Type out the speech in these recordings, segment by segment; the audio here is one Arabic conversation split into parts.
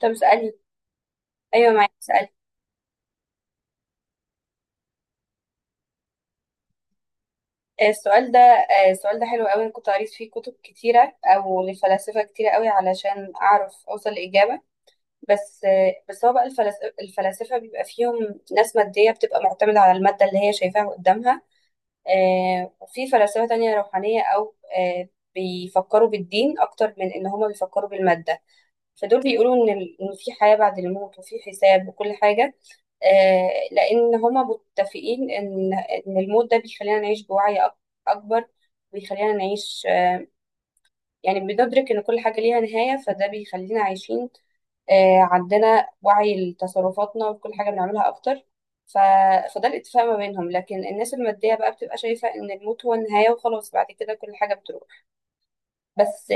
طب اسألي. أيوة معاك، اسألي. السؤال ده حلو قوي، أنا كنت قريت فيه كتب كتيرة أو لفلاسفة كتيرة قوي علشان أعرف أوصل لإجابة. بس هو بقى الفلاسفة بيبقى فيهم ناس مادية بتبقى معتمدة على المادة اللي هي شايفاها قدامها. وفي فلاسفة تانية روحانية، أو بيفكروا بالدين أكتر من إن هما بيفكروا بالمادة. فدول بيقولوا إن إن في حياة بعد الموت وفي حساب وكل حاجة. لأن هما متفقين إن الموت ده بيخلينا نعيش بوعي أكبر. بيخلينا نعيش، يعني بندرك إن كل حاجة ليها نهاية، فده بيخلينا عايشين، عندنا وعي لتصرفاتنا وكل حاجة بنعملها أكتر. ف... فده الاتفاق ما بينهم، لكن الناس المادية بقى بتبقى شايفة إن الموت هو النهاية وخلاص، بعد كده كل حاجة بتروح بس.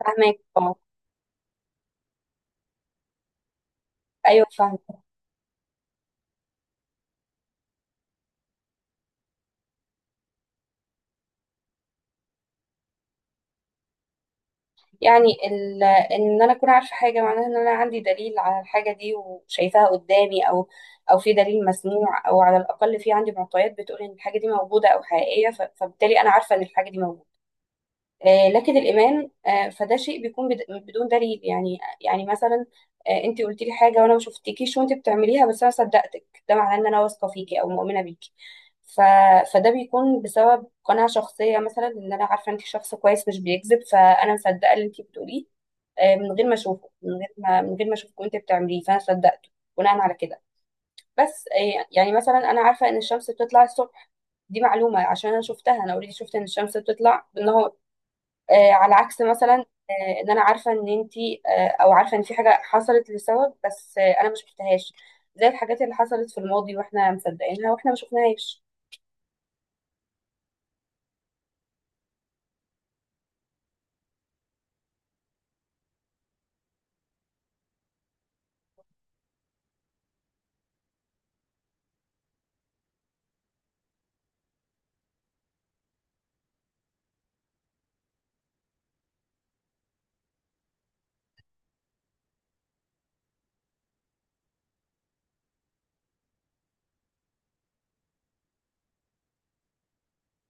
فاهمك، اه. أيوه، فاهمة. يعني ان انا اكون عارفه حاجه معناها ان انا عندي دليل على الحاجه دي وشايفاها قدامي، او في دليل مسموع، او على الاقل في عندي معطيات بتقول ان الحاجه دي موجوده او حقيقيه. فبالتالي انا عارفه ان الحاجه دي موجوده. لكن الايمان، فده شيء بيكون بدون دليل. يعني مثلا، انت قلتي لي حاجه وانا ما شفتكيش وانت بتعمليها، بس انا صدقتك، ده معناه ان انا واثقه فيكي او مؤمنه بيكي. ف... فده بيكون بسبب قناعة شخصية، مثلا ان انا عارفة انت شخص كويس مش بيكذب، فانا مصدقة اللي انت بتقوليه، من غير ما اشوفه، من غير ما اشوفك وانت بتعمليه، فانا صدقته بناء على كده. بس آه، يعني مثلا انا عارفه ان الشمس بتطلع الصبح، دي معلومه عشان انا شفتها، انا اوريدي شفت ان الشمس بتطلع بالنهار. على عكس مثلا، ان انا عارفه ان انتي، او عارفه ان في حاجه حصلت لسبب، بس انا ما شفتهاش، زي الحاجات اللي حصلت في الماضي واحنا مصدقينها واحنا ما شفناهاش.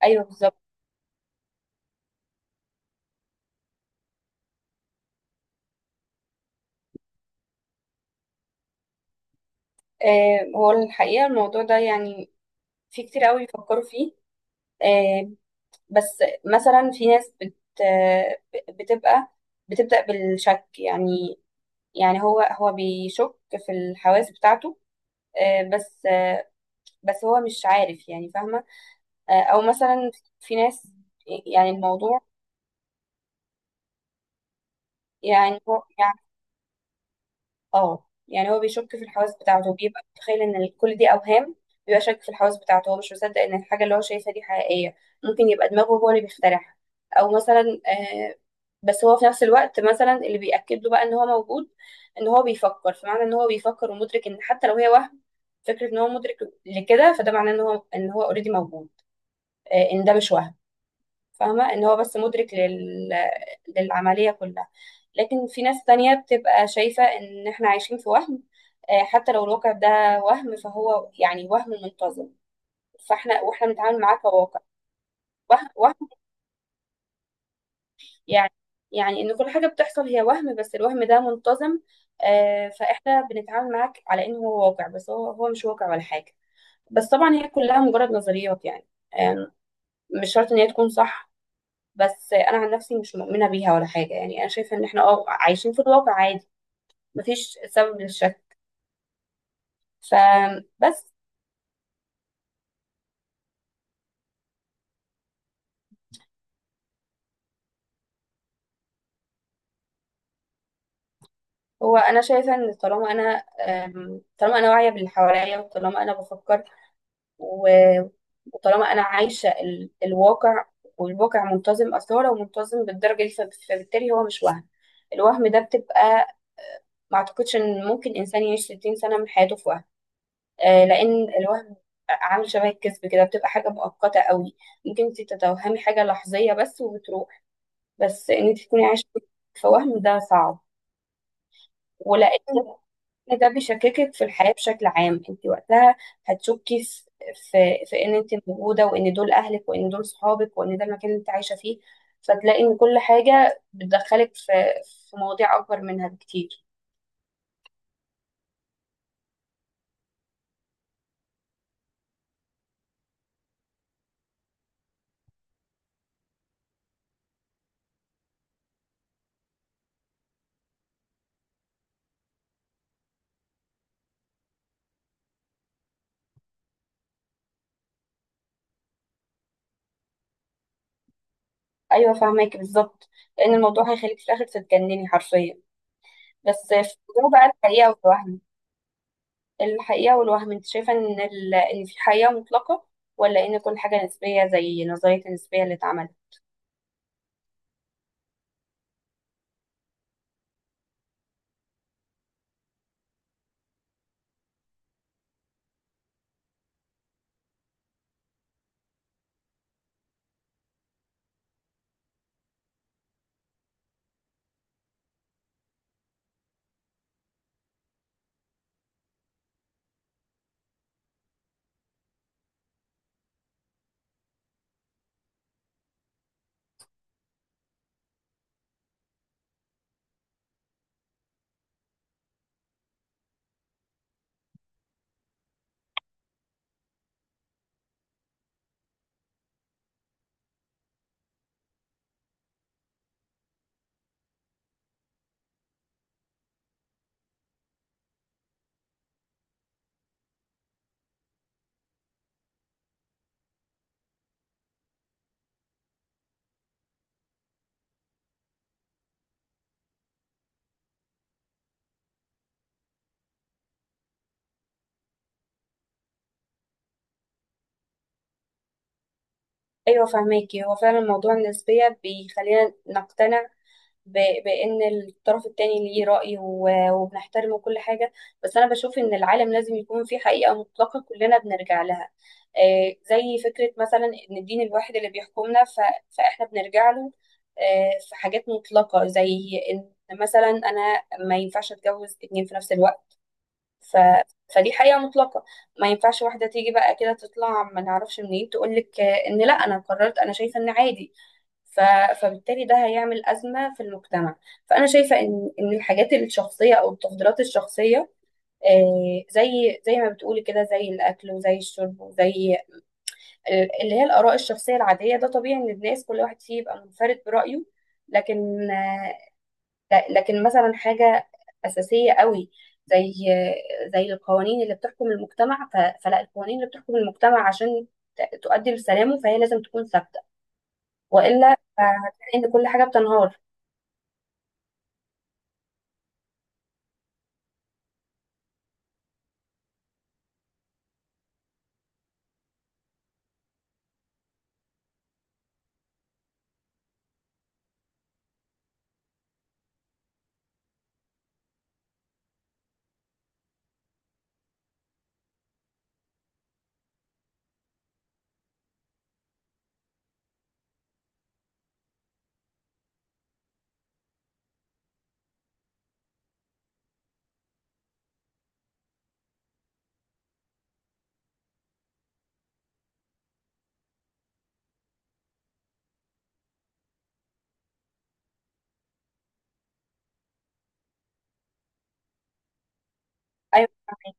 ايوه، بالظبط. هو الحقيقه الموضوع ده يعني في كتير قوي بيفكروا فيه. آه، بس مثلا في ناس بت بتبقى بتبدأ بالشك، يعني هو بيشك في الحواس بتاعته، آه، بس آه، بس هو مش عارف، يعني فاهمة؟ أو مثلا في ناس، يعني الموضوع، يعني اه يعني هو بيشك في الحواس بتاعته، بيبقى متخيل ان كل دي اوهام، بيبقى شاك في الحواس بتاعته، هو مش مصدق ان الحاجه اللي هو شايفها دي حقيقيه، ممكن يبقى دماغه هو اللي بيخترعها. او مثلا آه بس هو في نفس الوقت مثلا اللي بيأكد له بقى ان هو موجود ان هو بيفكر، فمعنى ان هو بيفكر ومدرك، ان حتى لو هي وهم، فكره ان هو مدرك لكده فده معناه ان هو اوريدي موجود، ان ده مش وهم. فاهمة ان هو بس مدرك للعملية كلها. لكن في ناس تانية بتبقى شايفة ان احنا عايشين في وهم، حتى لو الواقع ده وهم فهو يعني وهم منتظم، واحنا بنتعامل معاه كواقع. وهم، وهم. يعني يعني ان كل حاجة بتحصل هي وهم، بس الوهم ده منتظم، فاحنا بنتعامل معاك على انه هو واقع، بس هو مش واقع ولا حاجة. بس طبعا هي كلها مجرد نظريات يعني، آه، مش شرط ان هي تكون صح. بس انا عن نفسي مش مؤمنه بيها ولا حاجه، يعني انا شايفه ان احنا عايشين في الواقع عادي، مفيش سبب للشك، فبس. هو انا شايفه ان طالما انا واعيه باللي حواليا، وطالما انا بفكر، و- وطالما انا عايشه الواقع، والواقع منتظم، اصل هو لو منتظم بالدرجه دي فبالتالي هو مش وهم. الوهم ده بتبقى، ما اعتقدش ان ممكن انسان يعيش 60 سنه من حياته في، لان الوهم عامل شبه الكذب كده، بتبقى حاجه مؤقته قوي، ممكن انت تتوهمي حاجه لحظيه بس وبتروح، بس ان انت تكوني عايشه في وهم ده صعب. ولان إن ده بيشككك في الحياه بشكل عام، انت وقتها هتشكي في في ان انت موجوده، وان دول اهلك، وان دول صحابك، وان ده المكان اللي انت عايشه فيه، فتلاقي ان كل حاجه بتدخلك في مواضيع اكبر منها بكتير. ايوه، فاهمك بالظبط، لان الموضوع هيخليك في الاخر تتجنني حرفيا. بس في موضوع بقى الحقيقة والوهم، انت شايفة ان ان في حقيقة مطلقة، ولا ان كل حاجة نسبية زي نظرية النسبية اللي اتعملت؟ ايوه، فهماكي. هو فعلا موضوع النسبية بيخلينا نقتنع بان الطرف التاني ليه رأي، وبنحترمه وكل حاجة. بس انا بشوف ان العالم لازم يكون فيه حقيقة مطلقة كلنا بنرجع لها، زي فكرة مثلا ان الدين الواحد اللي بيحكمنا فاحنا بنرجع له. في حاجات مطلقة، زي ان مثلا انا ما ينفعش اتجوز اتنين في نفس الوقت. ف... فدي حقيقة مطلقة، ما ينفعش واحدة تيجي بقى كده تطلع ما نعرفش منين تقولك، ان لا، انا قررت، انا شايفة ان عادي. ف... فبالتالي ده هيعمل أزمة في المجتمع. فأنا شايفة إن الحاجات الشخصية أو التفضيلات الشخصية، زي ما بتقولي كده، زي الأكل وزي الشرب وزي اللي هي الآراء الشخصية العادية، ده طبيعي إن الناس كل واحد فيه يبقى منفرد برأيه. لكن آه، لكن مثلا حاجة أساسية قوي زي القوانين اللي بتحكم المجتمع، فلا، القوانين اللي بتحكم المجتمع عشان تؤدي لسلامه فهي لازم تكون ثابتة، وإلا هتلاقي إن كل حاجة بتنهار. ايوه، فاهمك.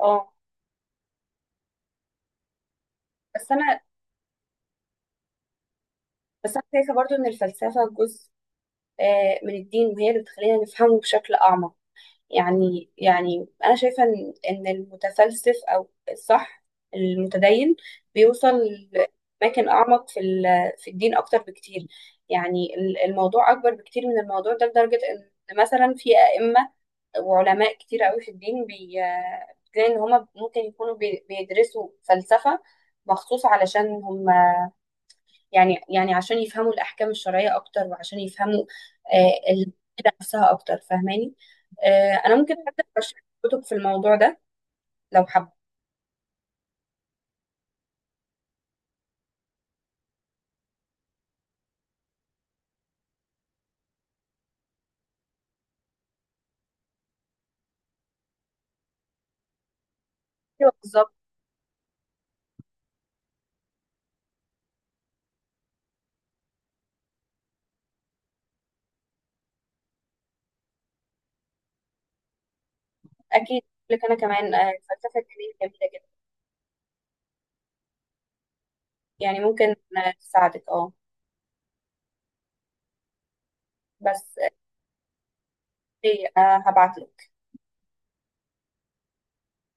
اه، بس انا بس انا شايفه برضو ان الفلسفه جزء من الدين، وهي اللي بتخلينا نفهمه بشكل اعمق. يعني انا شايفه إن المتفلسف، او الصح المتدين، بيوصل لأماكن اعمق في الدين اكتر بكتير. يعني الموضوع اكبر بكتير من الموضوع ده، لدرجه ان مثلا في ائمه وعلماء كتير قوي في الدين، بي آه، بتلاقي ان هما ممكن يكونوا بيدرسوا فلسفه مخصوص علشان هم يعني، عشان يفهموا الأحكام الشرعية أكتر، وعشان يفهموا العقيدة نفسها أكتر، فاهماني؟ أنا ممكن حتى أرشح لك كتب في الموضوع ده لو حابة. أيوة، بالظبط. أكيد، لك أنا كمان فلسفة كتير جميلة جدا، يعني ممكن تساعدك. أه. بس آه، إيه، هبعت لك.